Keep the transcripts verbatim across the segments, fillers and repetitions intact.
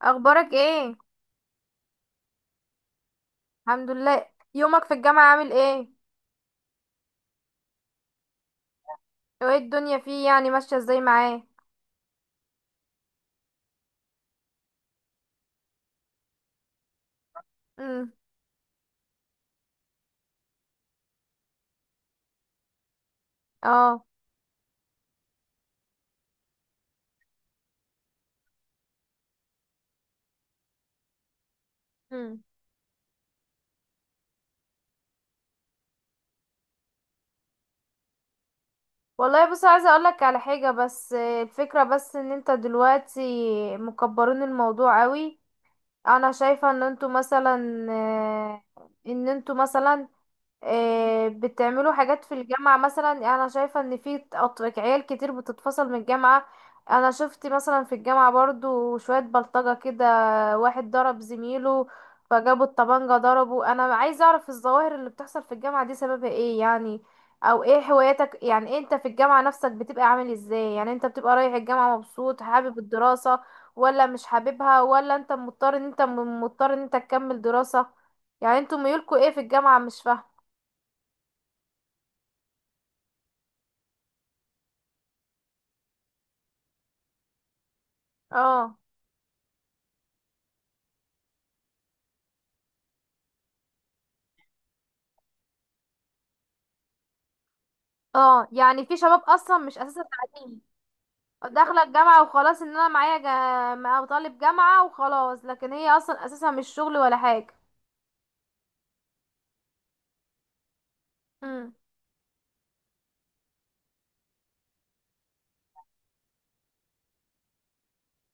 اخبارك ايه؟ الحمد لله. يومك في الجامعة عامل ايه؟ وايه الدنيا فيه يعني ماشية ازاي معاه؟ امم. اه. امم. والله بص، عايزة اقولك على حاجة بس آه، الفكرة بس ان انت دلوقتي مكبرين الموضوع قوي. انا شايفة ان انتوا مثلا آه، ان انتوا مثلا آه، بتعملوا حاجات في الجامعة. مثلا انا شايفة ان في أط- عيال كتير بتتفصل من الجامعة. انا شفت مثلا في الجامعة برضو شوية بلطجة كده، واحد ضرب زميله فجابوا الطبانجة ضربه. انا عايزة اعرف الظواهر اللي بتحصل في الجامعة دي سببها ايه يعني. او ايه هواياتك يعني، إيه انت في الجامعة نفسك بتبقى عامل ازاي؟ يعني انت بتبقى رايح الجامعة مبسوط، حابب الدراسة ولا مش حاببها، ولا انت مضطر ان انت م- مضطر ان انت تكمل دراسة؟ يعني انتوا ميولكوا ايه في الجامعة مش فاهمة. اه. اه، يعني في شباب اصلا مش اساسا تعليم، داخلة الجامعة وخلاص، ان انا معايا جا... مع- طالب جامعة وخلاص، لكن هي اصلا اساسا مش شغل ولا حاجة. مم.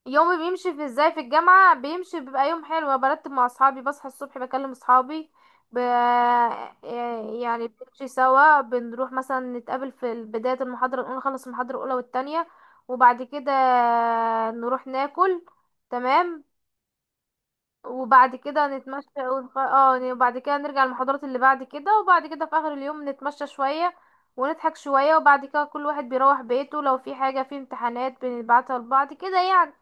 يومي بيمشي في ازاي في الجامعة، بيمشي بيبقى يوم حلو، برتب مع اصحابي، بصحى الصبح بكلم اصحابي، ب... آه، يعني بنمشي سوا، بنروح مثلا نتقابل في بداية المحاضرة الأولى، نخلص المحاضرة الأولى والتانية وبعد كده نروح ناكل. تمام. وبعد كده نتمشى ونخ... اه، وبعد كده نرجع المحاضرات اللي بعد كده، وبعد كده في آخر اليوم نتمشى شوية ونضحك شوية، وبعد كده كل واحد بيروح بيته. لو في حاجة في امتحانات بنبعتها لبعض كده يعني.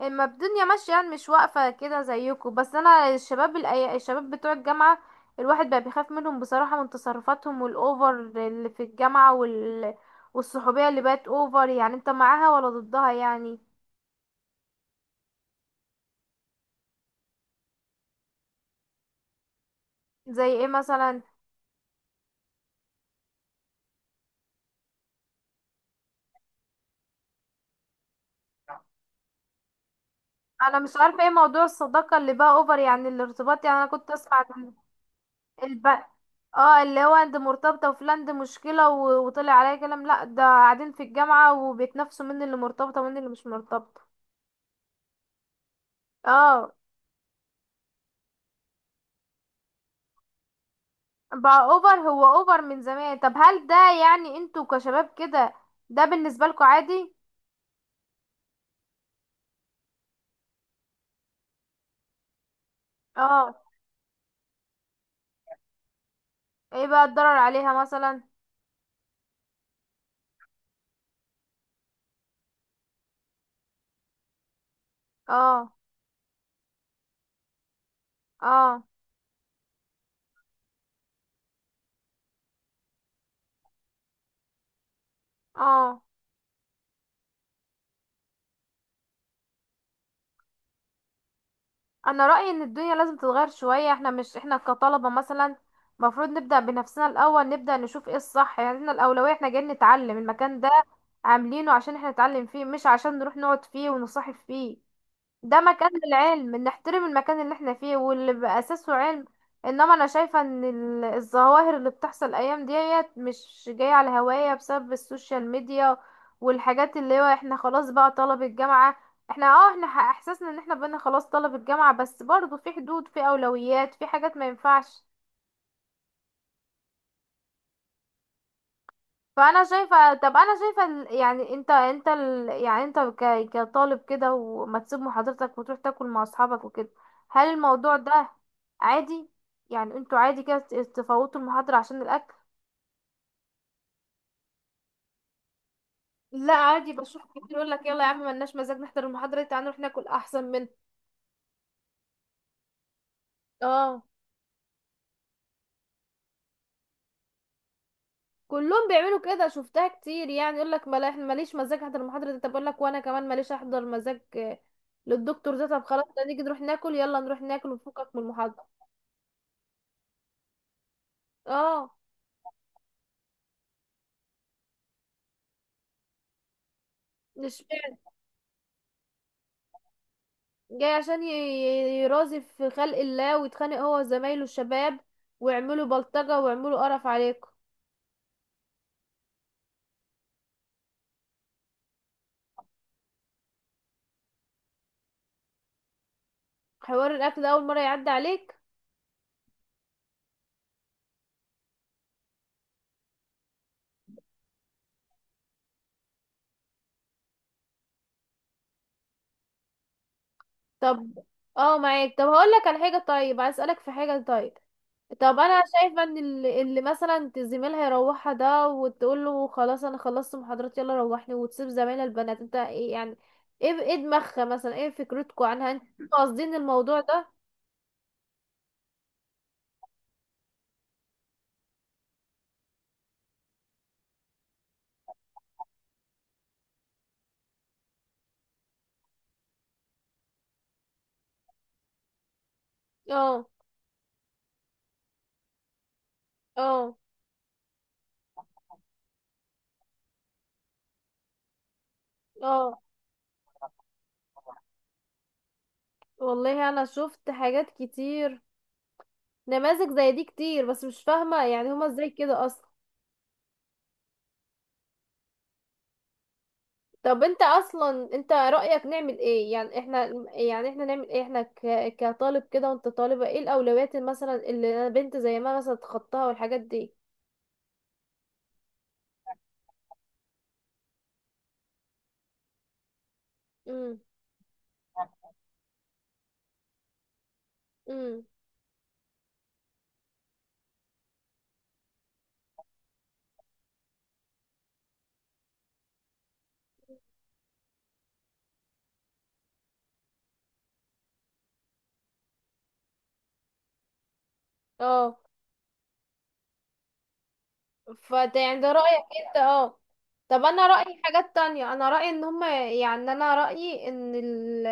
اما الدنيا ماشيه يعني مش واقفه كده زيكم. بس انا الشباب الأي... الشباب بتوع الجامعه، الواحد بقى بيخاف منهم بصراحه من تصرفاتهم، والاوفر اللي في الجامعه وال... والصحوبيه اللي بقت اوفر، يعني انت معاها ولا ضدها يعني؟ زي ايه مثلا؟ انا مش عارفه ايه موضوع الصداقه اللي بقى اوفر، يعني الارتباط. يعني انا كنت اسمع عن الب... اه، اللي هو انت مرتبطه وفلان دي مشكله و... وطلع عليا كلام، لا ده قاعدين في الجامعه وبيتنافسوا مين اللي مرتبطه ومين اللي مش مرتبطه. اه. بقى اوفر، هو اوفر من زمان. طب هل ده يعني انتوا كشباب كده ده بالنسبة لكم عادي؟ اه. ايه بقى الضرر عليها مثلا؟ اه. اه. اه، انا رأيي ان الدنيا لازم تتغير شوية. احنا مش احنا كطلبة مثلا المفروض نبدأ بنفسنا الاول، نبدأ نشوف ايه الصح. يعني احنا الاولوية احنا جايين نتعلم، المكان ده عاملينه عشان احنا نتعلم فيه مش عشان نروح نقعد فيه ونصاحب فيه. ده مكان للعلم، نحترم المكان اللي احنا فيه واللي بأساسه علم. انما انا شايفة ان ال- الظواهر اللي بتحصل الايام ديت مش جاية على هواية، بسبب السوشيال ميديا والحاجات اللي هو احنا خلاص بقى طلب الجامعة. احنا اه احنا ح- احساسنا ان احنا بقينا خلاص طلب الجامعة، بس برضو في حدود في اولويات، في حاجات ما ينفعش. فانا شايفه، طب انا شايفه ال- يعني انت انت ال... يعني انت ك... كطالب كده، وما تسيب محاضرتك وتروح تاكل مع اصحابك وكده، هل الموضوع ده عادي؟ يعني انتوا عادي كده ت- تفوتوا المحاضره عشان الاكل؟ لا عادي، بشوف كتير يقول لك يلا يا عم ملناش مزاج نحضر المحاضرة دي، تعالى نروح ناكل احسن من. اه. كلهم بيعملوا كده، شفتها كتير يعني يقول لك ملا احنا ماليش مزاج احضر المحاضرة دي، طب اقول لك وانا كمان ماليش احضر مزاج آه، للدكتور ده، طب خلاص ده نيجي نروح ناكل، يلا نروح ناكل ونفكك من المحاضرة. اه. اشمعنى؟ جاي عشان ي- ي- يرازي في خلق الله ويتخانق هو وزمايله الشباب، ويعملوا بلطجة ويعملوا قرف عليكم. حوار الاكل ده اول مرة يعدي عليك؟ طب. اه معاك. طب هقول لك على حاجة، طيب عايز اسألك في حاجة. طيب طب انا شايفة ان اللي, اللي مثلا زميلها يروحها ده وتقول له خلاص انا خلصت محاضرات يلا روحني، وتسيب زمايلها البنات، انت ايه يعني؟ ايه، ايه دماغها مثلا؟ ايه فكرتكم عنها؟ انتوا قاصدين الموضوع ده؟ اه. اه. اه. والله انا شفت حاجات كتير، نماذج زي دي كتير، بس مش فاهمة يعني هما ازاي كده اصلا. طب انت اصلا، انت رأيك نعمل ايه يعني احنا؟ يعني احنا نعمل ايه؟ احنا ك... كطالب كده وانت طالبة، ايه الاولويات مثلا اللي انا بنت زي ما مثلا تخطاها والحاجات دي؟ امم. امم. اه. فده يعني ده رأيك انت. اه. طب انا رأيي حاجات تانية، انا رأيي ان هما يعني انا رأيي ان ال...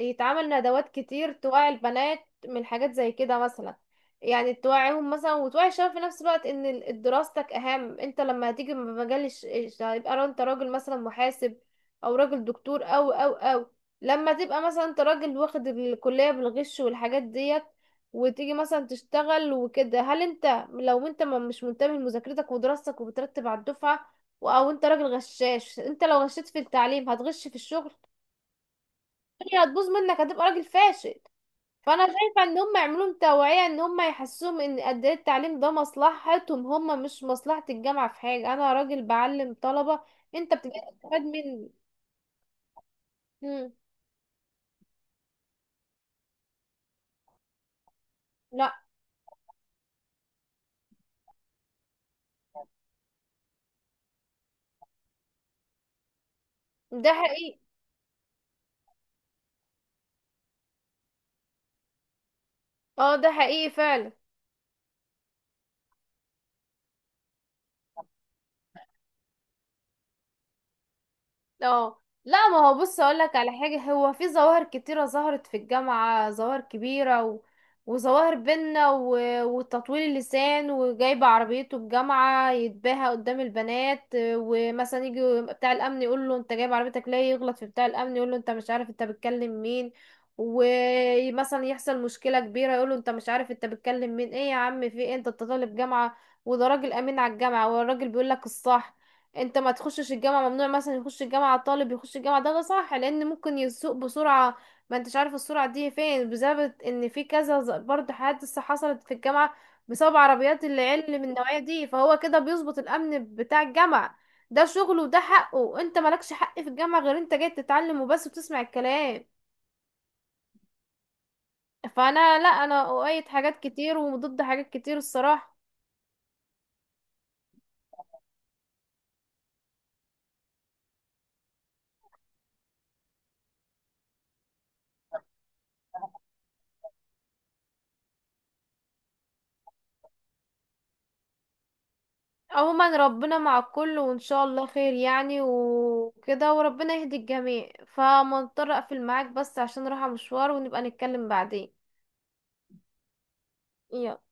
يتعمل ندوات كتير توعي البنات من حاجات زي كده مثلا. يعني توعيهم مثلا، وتوعي الشباب في نفس الوقت ان ال- دراستك اهم. انت لما هتيجي من مجال الش- الش- هيبقى انت راجل مثلا محاسب، او راجل دكتور او او او، لما تبقى مثلا انت راجل واخد الكلية بالغش والحاجات ديت، وتيجي مثلا تشتغل وكده، هل انت لو انت ما- مش منتبه لمذاكرتك ودراستك وبترتب على الدفعة، و- او انت راجل غشاش، انت لو غشيت في التعليم هتغش في الشغل. الدنيا هتبوظ منك، هتبقى راجل فاشل. فانا شايفة ان هم يعملوا لهم توعية، ان هم يحسوهم ان قد ايه التعليم ده مصلحتهم هم مش مصلحة الجامعة في حاجة. انا راجل بعلم طلبة، انت بتجي تستفاد مني. مم. لا، ده حقيقي. اه ده حقيقي فعلا. اه لا، ما هو بص اقول لك على حاجه، هو في ظواهر كتيره ظهرت في الجامعه، ظواهر كبيره و... وظواهر بينا و... وتطويل اللسان. وجايبه عربيته الجامعه يتباهى قدام البنات، ومثلا يجي بتاع الامن يقول له انت جايب عربيتك ليه، يغلط في بتاع الامن يقول له انت مش عارف انت بتكلم مين، ومثلا يحصل مشكله كبيره يقول له انت مش عارف انت بتكلم مين. ايه يا عم في ايه؟ انت أنت طالب جامعه، وده راجل امين على الجامعه، والراجل بيقول لك الصح. انت ما تخشش الجامعة، ممنوع مثلا يخش الجامعة الطالب يخش الجامعة، ده صح لان ممكن يسوق بسرعة. ما انتش عارف السرعة دي فين، بسبب ان في كذا ز- برضه حادثة حصلت في الجامعة بسبب عربيات العيال اللي من النوعية دي. فهو كده بيظبط الامن بتاع الجامعة، ده شغله وده حقه. انت مالكش حق في الجامعة غير انت جاي تتعلم وبس وتسمع الكلام. فانا لا، انا اؤيد حاجات كتير وضد حاجات كتير الصراحة. عموما ربنا مع الكل وان شاء الله خير يعني وكده، وربنا يهدي الجميع. فمضطر اقفل معاك بس عشان رايحة مشوار، ونبقى نتكلم بعدين. يلا.